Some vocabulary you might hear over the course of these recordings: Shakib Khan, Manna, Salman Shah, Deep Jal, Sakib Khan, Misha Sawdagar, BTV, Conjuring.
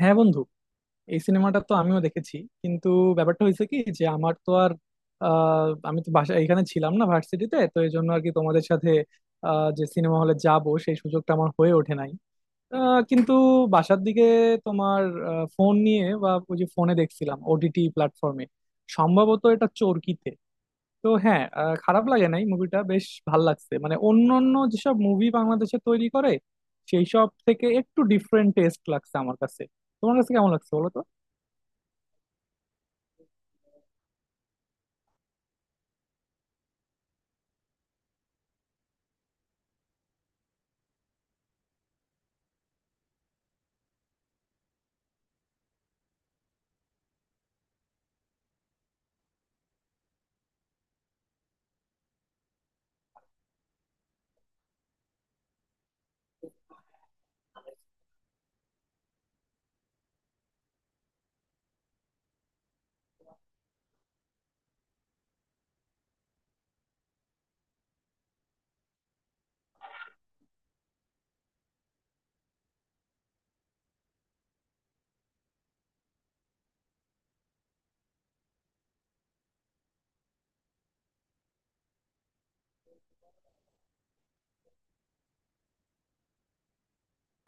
হ্যাঁ বন্ধু, এই সিনেমাটা তো আমিও দেখেছি। কিন্তু ব্যাপারটা হয়েছে কি যে আমার তো আর আমি তো বাসা এখানে ছিলাম না, ভার্সিটিতে, তো এই জন্য আর কি তোমাদের সাথে যে সিনেমা হলে যাব সেই সুযোগটা আমার হয়ে ওঠে নাই। কিন্তু বাসার দিকে তোমার ফোন নিয়ে বা ওই যে ফোনে দেখছিলাম ওটিটি প্ল্যাটফর্মে, সম্ভবত এটা চরকিতে। তো হ্যাঁ, খারাপ লাগে নাই, মুভিটা বেশ ভাল লাগছে, মানে অন্যান্য যেসব মুভি বাংলাদেশে তৈরি করে সেই সব থেকে একটু ডিফারেন্ট টেস্ট লাগছে আমার কাছে। তোমার কাছে কেমন লাগছে বলো তো?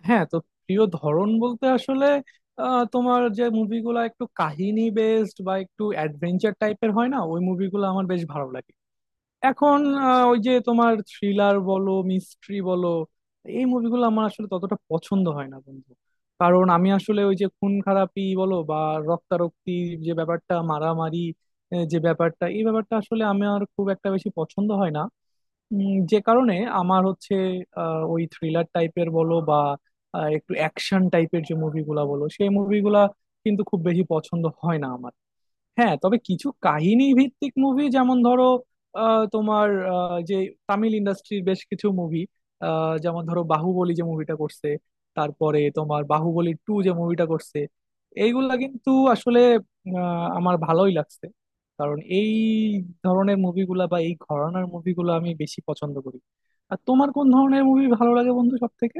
হ্যাঁ তো, প্রিয় ধরন বলতে আসলে তোমার যে মুভিগুলো একটু কাহিনী বেসড বা একটু অ্যাডভেঞ্চার টাইপের হয় না, ওই মুভিগুলো আমার বেশ ভালো লাগে এখন। ওই যে তোমার থ্রিলার বলো, মিস্ট্রি বলো, এই মুভিগুলো আমার আসলে ততটা পছন্দ হয় না বন্ধু। কারণ আমি আসলে ওই যে খুন খারাপি বলো বা রক্তারক্তি, যে ব্যাপারটা মারামারি, যে ব্যাপারটা, এই ব্যাপারটা আসলে আমার খুব একটা বেশি পছন্দ হয় না। যে কারণে আমার হচ্ছে ওই থ্রিলার টাইপের বলো বা একটু অ্যাকশন টাইপের যে মুভিগুলা বলো, সেই মুভিগুলা কিন্তু খুব বেশি পছন্দ হয় না আমার। হ্যাঁ, তবে কিছু কাহিনী ভিত্তিক মুভি, যেমন ধরো যে তামিল ইন্ডাস্ট্রির বেশ কিছু মুভি, যেমন ধরো বাহুবলী যে মুভিটা করছে, তারপরে তোমার বাহুবলী টু যে মুভিটা করছে, এইগুলা কিন্তু আসলে আমার ভালোই লাগছে। কারণ এই ধরনের মুভিগুলা বা এই ঘরানার মুভিগুলো আমি বেশি পছন্দ করি। আর তোমার কোন ধরনের মুভি ভালো লাগে বন্ধু সব থেকে?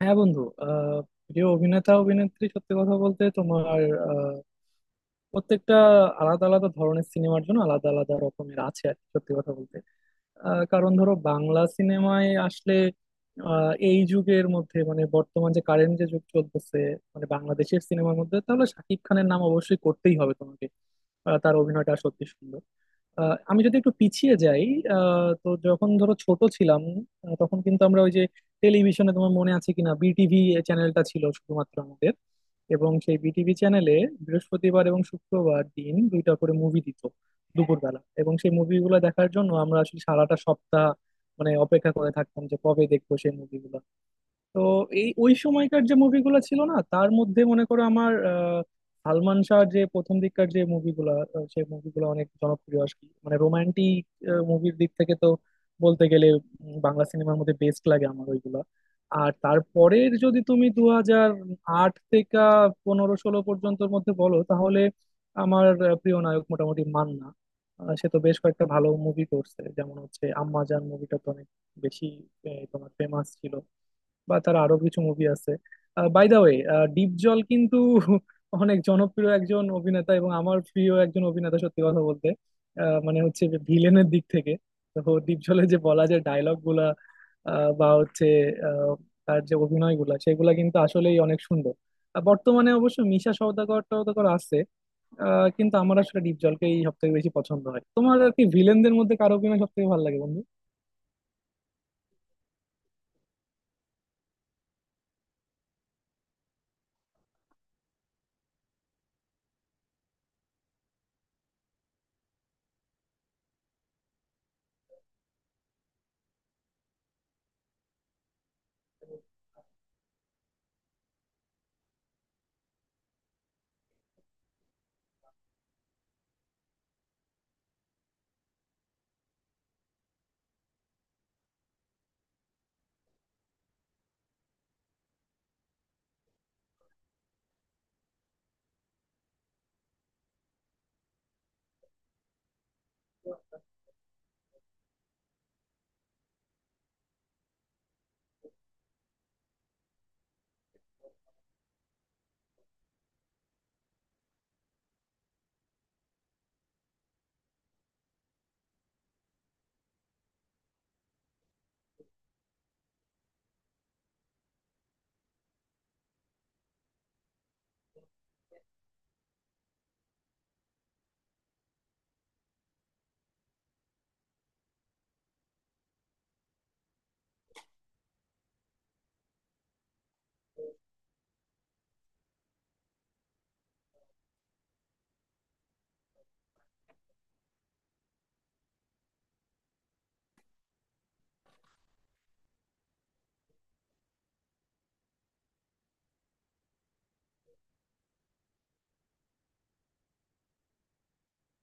হ্যাঁ বন্ধু, প্রিয় অভিনেতা অভিনেত্রী সত্যি কথা বলতে তোমার প্রত্যেকটা আলাদা আলাদা ধরনের সিনেমার জন্য আলাদা আলাদা রকমের আছে আর কি, সত্যি কথা বলতে। কারণ ধরো বাংলা সিনেমায় আসলে এই যুগের মধ্যে, মানে বর্তমান যে কারেন্ট যে যুগ চলতেছে, মানে বাংলাদেশের সিনেমার মধ্যে, তাহলে শাকিব খানের নাম অবশ্যই করতেই হবে তোমাকে। তার অভিনয়টা সত্যি সুন্দর। আমি যদি একটু পিছিয়ে যাই, তো যখন ধরো ছোট ছিলাম, তখন কিন্তু আমরা ওই যে টেলিভিশনে, তোমার মনে আছে কিনা, বিটিভি চ্যানেলটা ছিল শুধুমাত্র আমাদের। এবং সেই বিটিভি চ্যানেলে বৃহস্পতিবার এবং শুক্রবার দিন দুইটা করে মুভি দিত দুপুরবেলা, এবং সেই মুভিগুলো দেখার জন্য আমরা আসলে সারাটা সপ্তাহ মানে অপেক্ষা করে থাকতাম যে কবে দেখবো সেই মুভিগুলো। তো এই ওই সময়কার যে মুভিগুলো ছিল না, তার মধ্যে মনে করো আমার সালমান শাহ যে প্রথম দিককার যে মুভিগুলো, সেই মুভিগুলো অনেক জনপ্রিয় আর কি, মানে রোমান্টিক মুভির দিক থেকে তো বলতে গেলে বাংলা সিনেমার মধ্যে বেস্ট লাগে আমার ওইগুলা। আর তারপরের যদি তুমি 2008 থেকে 2015-16 পর্যন্তর মধ্যে বলো, তাহলে আমার প্রিয় নায়ক মোটামুটি মান্না। সে তো বেশ কয়েকটা ভালো মুভি করছে, যেমন হচ্ছে আম্মাজান মুভিটা তো অনেক বেশি তোমার ফেমাস ছিল, বা তার আরো কিছু মুভি আছে। বাই দা ওয়ে, ডিপ জল কিন্তু অনেক জনপ্রিয় একজন অভিনেতা, এবং আমার প্রিয় একজন অভিনেতা সত্যি কথা বলতে। মানে হচ্ছে ভিলেনের দিক থেকে, তো ডিপ জলের যে বলা যায় ডায়লগ গুলা আহ, বা হচ্ছে আহ, তার যে অভিনয় গুলা সেগুলা কিন্তু আসলেই অনেক সুন্দর। আর বর্তমানে অবশ্য মিশা সওদাগর টওদাগর আছে, কিন্তু আমার আসলে ডিপ জলকেই সব থেকে বেশি পছন্দ হয়। তোমার আর কি ভিলেনদের মধ্যে কার অভিনয় সব থেকে ভালো লাগে বন্ধু?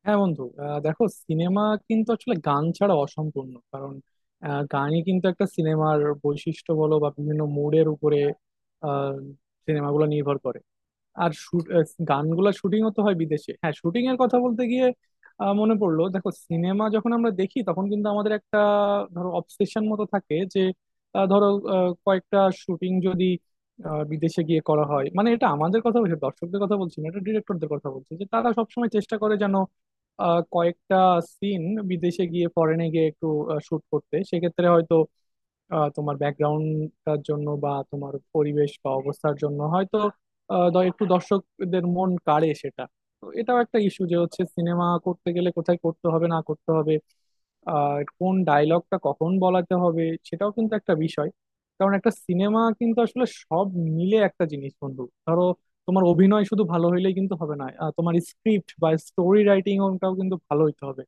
হ্যাঁ বন্ধু, দেখো সিনেমা কিন্তু আসলে গান ছাড়া অসম্পূর্ণ, কারণ গানই কিন্তু একটা সিনেমার বৈশিষ্ট্য বলো, বা বিভিন্ন মুডের উপরে সিনেমাগুলো নির্ভর করে। আর গানগুলা শুটিংও তো হয় বিদেশে। হ্যাঁ, শুটিং এর কথা বলতে গিয়ে মনে পড়লো, দেখো সিনেমা যখন আমরা দেখি তখন কিন্তু আমাদের একটা ধরো অবসেশন মতো থাকে যে ধরো কয়েকটা শুটিং যদি বিদেশে গিয়ে করা হয়, মানে এটা আমাদের কথা বলছি না, দর্শকদের কথা বলছি না, এটা ডিরেক্টরদের কথা বলছি যে তারা সবসময় চেষ্টা করে যেন কয়েকটা সিন বিদেশে গিয়ে, ফরেনে গিয়ে একটু শুট করতে। সেক্ষেত্রে হয়তো তোমার ব্যাকগ্রাউন্ডটার জন্য বা তোমার পরিবেশ বা অবস্থার জন্য হয়তো একটু দর্শকদের মন কাড়ে সেটা। তো এটাও একটা ইস্যু যে হচ্ছে সিনেমা করতে গেলে কোথায় করতে হবে, না করতে হবে, আর কোন ডায়লগটা কখন বলাতে হবে, সেটাও কিন্তু একটা বিষয়। কারণ একটা সিনেমা কিন্তু আসলে সব মিলে একটা জিনিস বন্ধু। ধরো তোমার অভিনয় শুধু ভালো হইলেই কিন্তু হবে না, তোমার স্ক্রিপ্ট বা স্টোরি রাইটিং ওটাও কিন্তু ভালো হইতে হবে।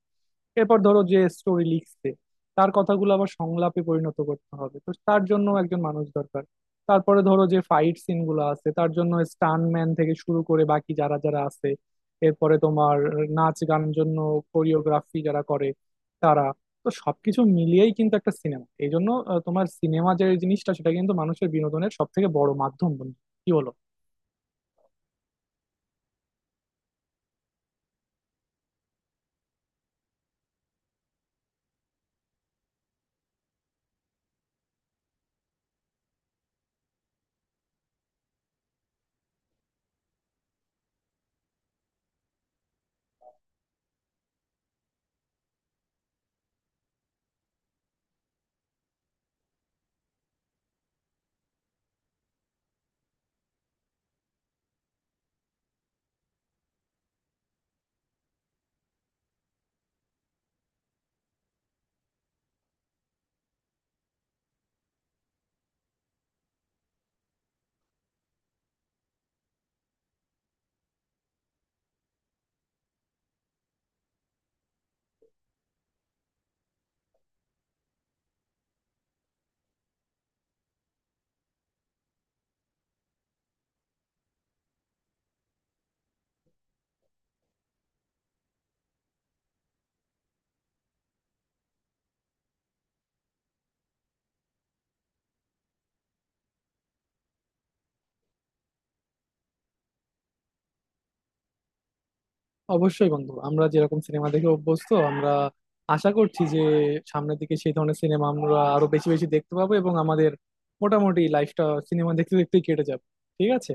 এরপর ধরো যে স্টোরি লিখছে, তার কথাগুলো আবার সংলাপে পরিণত করতে হবে, তো তার জন্য একজন মানুষ দরকার। তারপরে ধরো যে ফাইট সিন গুলো আছে, তার জন্য স্টান্টম্যান থেকে শুরু করে বাকি যারা যারা আছে, এরপরে তোমার নাচ গানের জন্য কোরিওগ্রাফি যারা করে তারা। তো সবকিছু মিলিয়েই কিন্তু একটা সিনেমা, এই জন্য তোমার সিনেমা যে জিনিসটা সেটা কিন্তু মানুষের বিনোদনের সব থেকে বড় মাধ্যম বন্ধু। কি বলো? অবশ্যই বন্ধু, আমরা যেরকম সিনেমা দেখে অভ্যস্ত, আমরা আশা করছি যে সামনের দিকে সেই ধরনের সিনেমা আমরা আরো বেশি বেশি দেখতে পাবো, এবং আমাদের মোটামুটি লাইফটা সিনেমা দেখতে দেখতেই কেটে যাবে। ঠিক আছে।